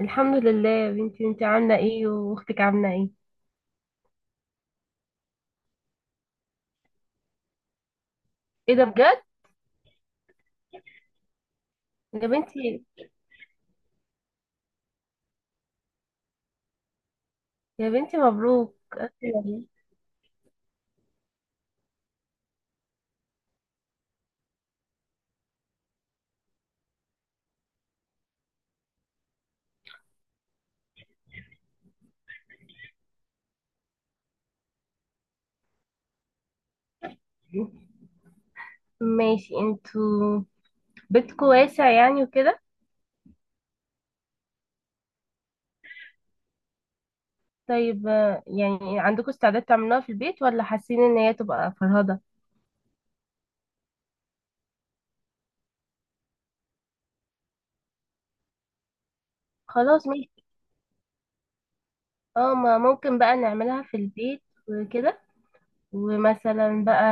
الحمد لله يا بنتي، انت عامله ايه؟ واختك عامله ايه؟ ايه ده بجد؟ يا بنتي. يا بنتي مبروك. ماشي، انتوا بيتكم واسع يعني وكده. طيب يعني عندكم استعداد تعملوها في البيت، ولا حاسين ان هي تبقى فرهضه؟ خلاص ماشي. اه ما ممكن بقى نعملها في البيت وكده ومثلا بقى.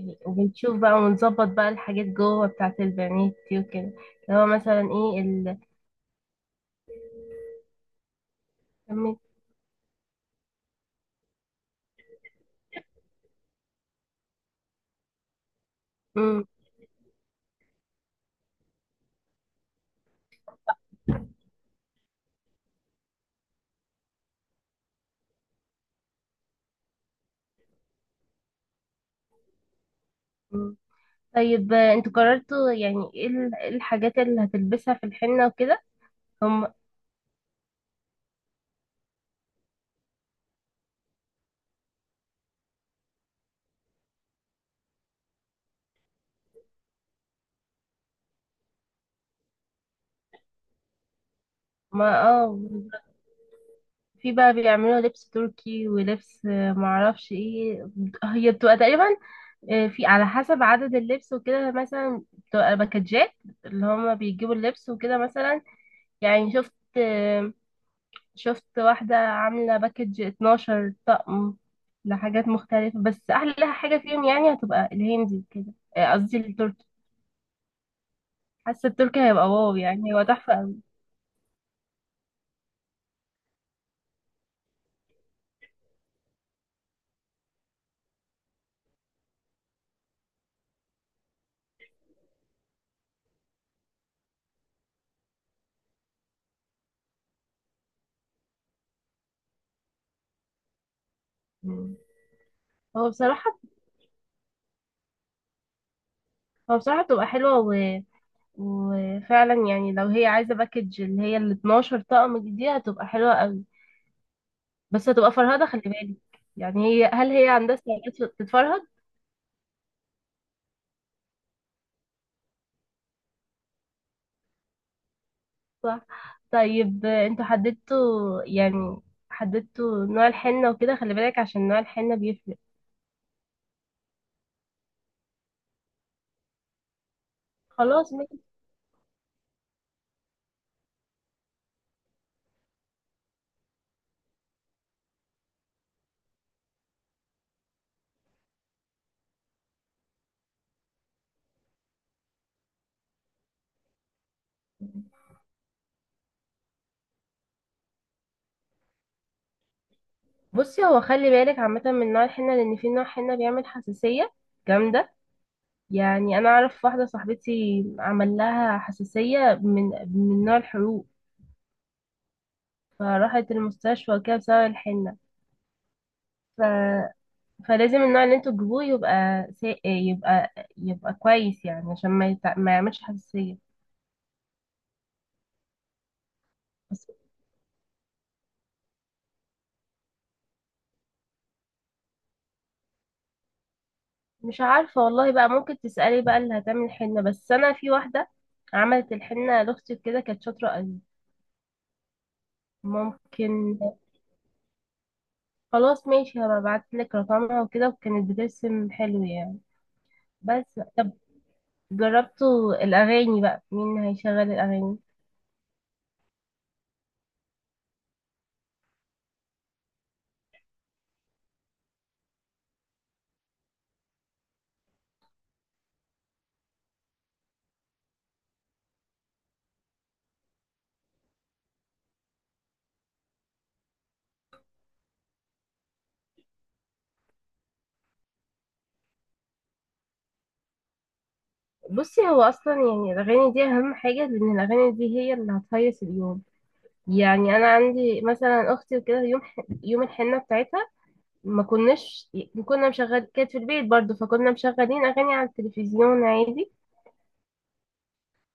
وبنشوف بقى ونظبط بقى الحاجات جوه بتاعت البنات دي وكده. اللي هو مثلا ايه مم. طيب انتوا قررتوا، يعني ايه إيه الحاجات اللي هتلبسها في الحنة وكده؟ هم ما اه، في بقى بيعملوا لبس تركي ولبس معرفش ايه. هي بتبقى تقريبا في على حسب عدد اللبس وكده، مثلا بتبقى باكجات اللي هم بيجيبوا اللبس وكده مثلا. يعني شفت، شفت واحدة عاملة باكج 12 طقم لحاجات مختلفة، بس أحلى حاجة فيهم يعني هتبقى الهندي كده، قصدي التركي. حاسه التركي هيبقى واو، يعني هو تحفه قوي. مم. هو بصراحه هو بصراحه بتبقى حلوه وفعلا يعني لو هي عايزه باكج اللي هي ال 12 طقم دي هتبقى حلوه قوي، بس هتبقى فرهده خلي بالك. يعني هل هي عندها استعداد تتفرهد؟ صح. طيب انتوا حددتوا، يعني حددتوا نوع الحنه وكده، خلي بالك عشان نوع الحنه بيفرق. خلاص ماشي. بصي، هو خلي بالك عامه من نوع الحنه، لان في نوع حنه بيعمل حساسيه جامده. يعني انا اعرف واحده صاحبتي عمل لها حساسيه من نوع الحروق، فراحت المستشفى وكده بسبب الحنه. ف... فلازم النوع اللي انتوا تجيبوه يبقى يبقى كويس، يعني عشان ما، ما يعملش حساسيه. بس مش عارفه والله بقى، ممكن تسالي بقى اللي هتعمل حنه. بس انا في واحده عملت الحنه لاختي كده، كانت شاطره قوي. ممكن. خلاص ماشي، هبقى ابعتلك رقمها وكده، وكانت بترسم حلو يعني. بس طب جربتوا الأغاني بقى؟ مين هيشغل الأغاني؟ بصي، هو أصلا يعني الأغاني دي أهم حاجة، لأن الأغاني دي هي اللي هتهيص اليوم. يعني أنا عندي مثلا أختي وكده، يوم يوم الحنة بتاعتها، ما كنا مشغل كانت في البيت برضه، فكنا مشغلين أغاني على التلفزيون عادي،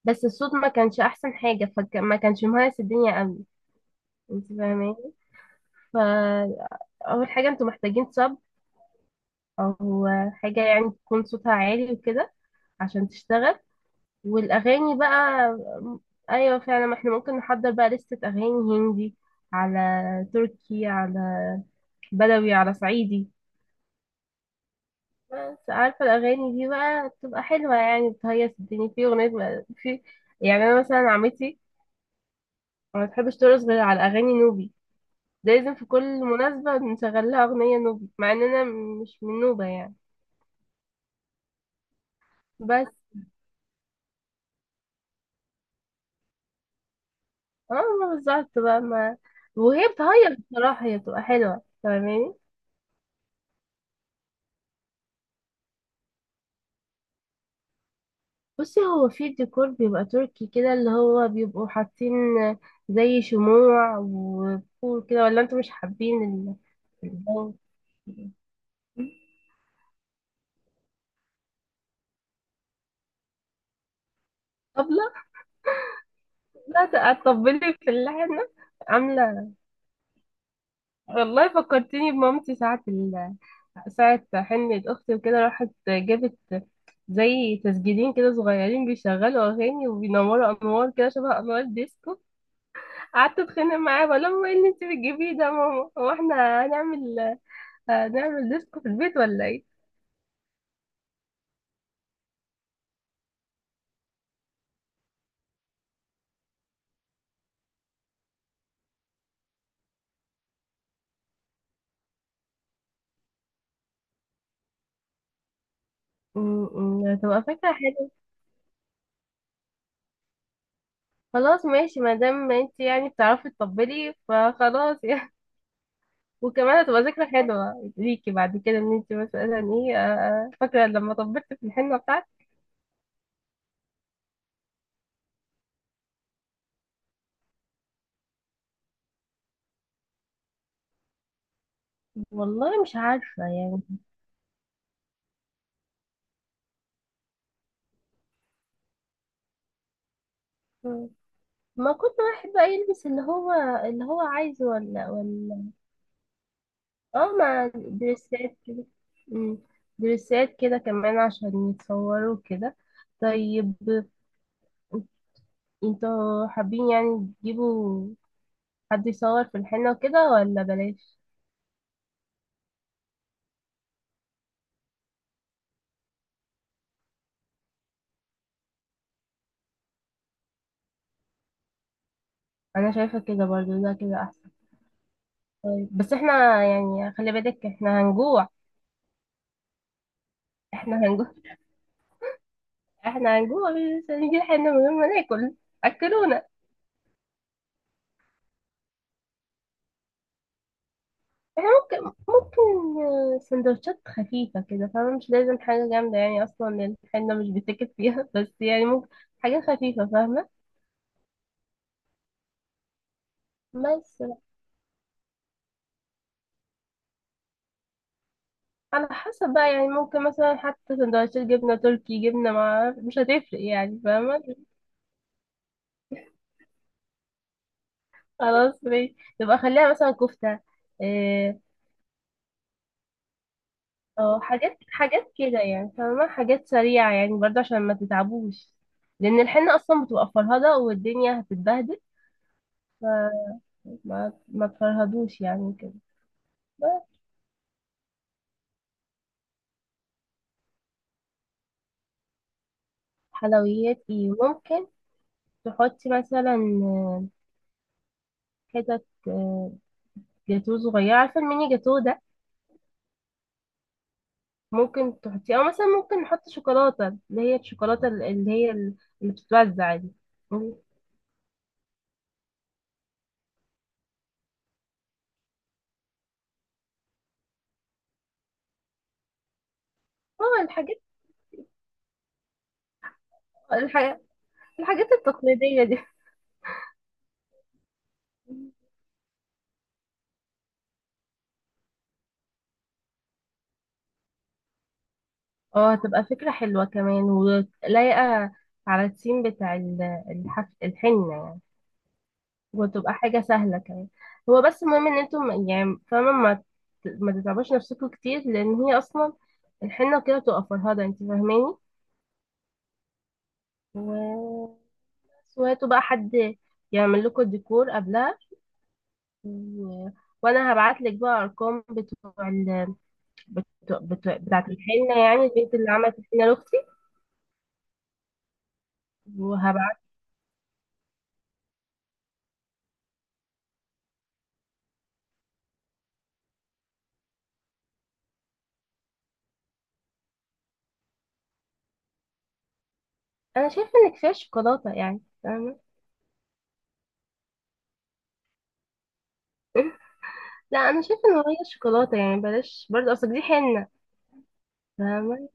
بس الصوت ما كانش أحسن حاجة، فما كانش مهيص الدنيا أوي. أنت فاهماني؟ فأول حاجة أنتوا محتاجين صب أو حاجة، يعني تكون صوتها عالي وكده عشان تشتغل. والاغاني بقى، ايوه فعلا، ما احنا ممكن نحضر بقى لستة اغاني، هندي على تركي على بدوي على صعيدي. بس عارفة الاغاني دي بقى بتبقى حلوة يعني، بتهيص الدنيا. في اغنية بقى. يعني انا مثلا عمتي ما بتحبش ترقص غير على اغاني نوبي، ده لازم في كل مناسبة نشغل لها اغنية نوبي مع ان انا مش من نوبة يعني. بس اه ما بالظبط بقى، ما وهي بتهيص بصراحة، هي بتبقى حلوة فاهماني. بصي، هو في ديكور بيبقى تركي كده، اللي هو بيبقوا حاطين زي شموع وبخور كده. ولا انتوا مش حابين الجو؟ طبلة؟ لا، تطبلي في اللحنة؟ عاملة، والله فكرتيني بمامتي ساعة ساعة حنة أختي وكده، راحت جابت زي تسجيلين كده صغيرين بيشغلوا أغاني، وبينوروا أنوار كده شبه أنوار ديسكو. قعدت أتخانق معاها بقول لها: ماما، ايه اللي انت بتجيبيه ده يا ماما؟ هو احنا هنعمل ديسكو في البيت ولا ايه؟ م- م، هتبقى فكرة حلوة. خلاص ماشي، ما دام انت يعني بتعرفي تطبلي فخلاص يعني. وكمان هتبقى ذكرى حلوة ليكي بعد كده، ان انت مثلا ايه، فاكرة لما طبلت في الحنة بتاعتك. والله مش عارفة يعني. مم. ما كنت واحد بقى يلبس اللي هو عايزه، ولا اه. ما دريسات كده. مم. دريسات كده كمان عشان يتصوروا كده. طيب انتوا حابين يعني تجيبوا حد يصور في الحنة وكده ولا بلاش؟ انا شايفة كده برضو، ده كده احسن. طيب بس احنا يعني خلي بالك، احنا هنجوع. احنا هنجوع. احنا هنجوع، مش هنجيب حنة من غير ما ناكل. اكلونا. احنا ممكن، ممكن سندوتشات خفيفة كده فاهمة، مش لازم حاجة جامدة، يعني اصلا الحنة مش بتكت فيها. بس يعني ممكن حاجة خفيفة فاهمة. بس على حسب بقى، يعني ممكن مثلا حتى سندوتشات جبنة تركي، جبنة مع مش هتفرق يعني فاهمة. خلاص ماشي، يبقى خليها مثلا كفتة. إيه، اه، حاجات كده يعني فاهمة، حاجات سريعة يعني برضه عشان ما تتعبوش، لأن الحنة أصلا بتبقى فرهدة والدنيا هتتبهدل، فما ما تفرهدوش يعني كده. بس حلويات ايه؟ ممكن تحطي مثلا آه، حتت جاتوه صغيرة، عارفة الميني جاتوه ده؟ ممكن تحطيه، او مثلا ممكن نحط شوكولاته اللي هي الشوكولاته اللي هي اللي بتتوزع دي. اه، الحاجات الحاجات الحاجات التقليديه دي. اه هتبقى فكره حلوه كمان، ولايقه على التيم بتاع الحنه يعني. وتبقى حاجه سهله كمان. هو بس المهم ان انتم يعني فاهمه ما تتعبوش نفسكم كتير، لان هي اصلا الحنه كده بتبقى فرهده انت فاهماني. و... وهاتوا بقى حد يعمل لكم الديكور قبلها. و- وانا هبعت لك بقى ارقام بتوع بتاعت الحنه، يعني البنت اللي عملت الحنه لاختي. وهبعت. انا شايفه انك فيها شوكولاته يعني فاهمه. لا انا شايفه ان هي شوكولاته يعني بلاش برضه، اصل دي حنه فاهمه.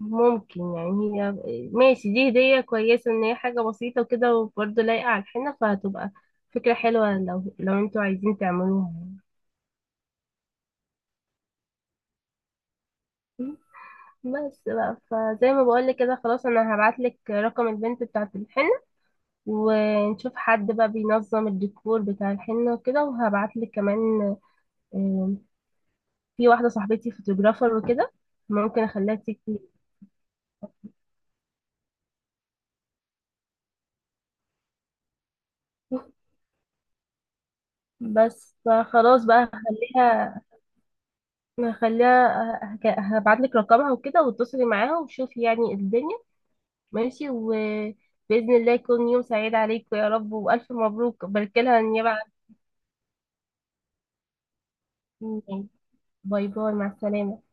ممكن يعني هي، ماشي، دي هديه كويسه ان هي حاجه بسيطه وكده، وبرضه لايقه على الحنه، فهتبقى فكره حلوه لو انتوا عايزين تعملوها يعني. بس بقى، فزي ما بقول لك كده، خلاص انا هبعت لك رقم البنت بتاعت الحنه، ونشوف حد بقى بينظم الديكور بتاع الحنة وكده، وهبعتلك كمان آم، في واحدة صاحبتي فوتوغرافر وكده، ممكن اخليها تيجي. بس فخلاص بقى هخليها، هبعت لك رقمها وكده، واتصلي معاها وشوفي يعني الدنيا. ماشي، وبإذن الله يكون يوم سعيد عليكم يا رب، وألف مبروك بارك لها النيابة عني. باي باي، مع السلامة.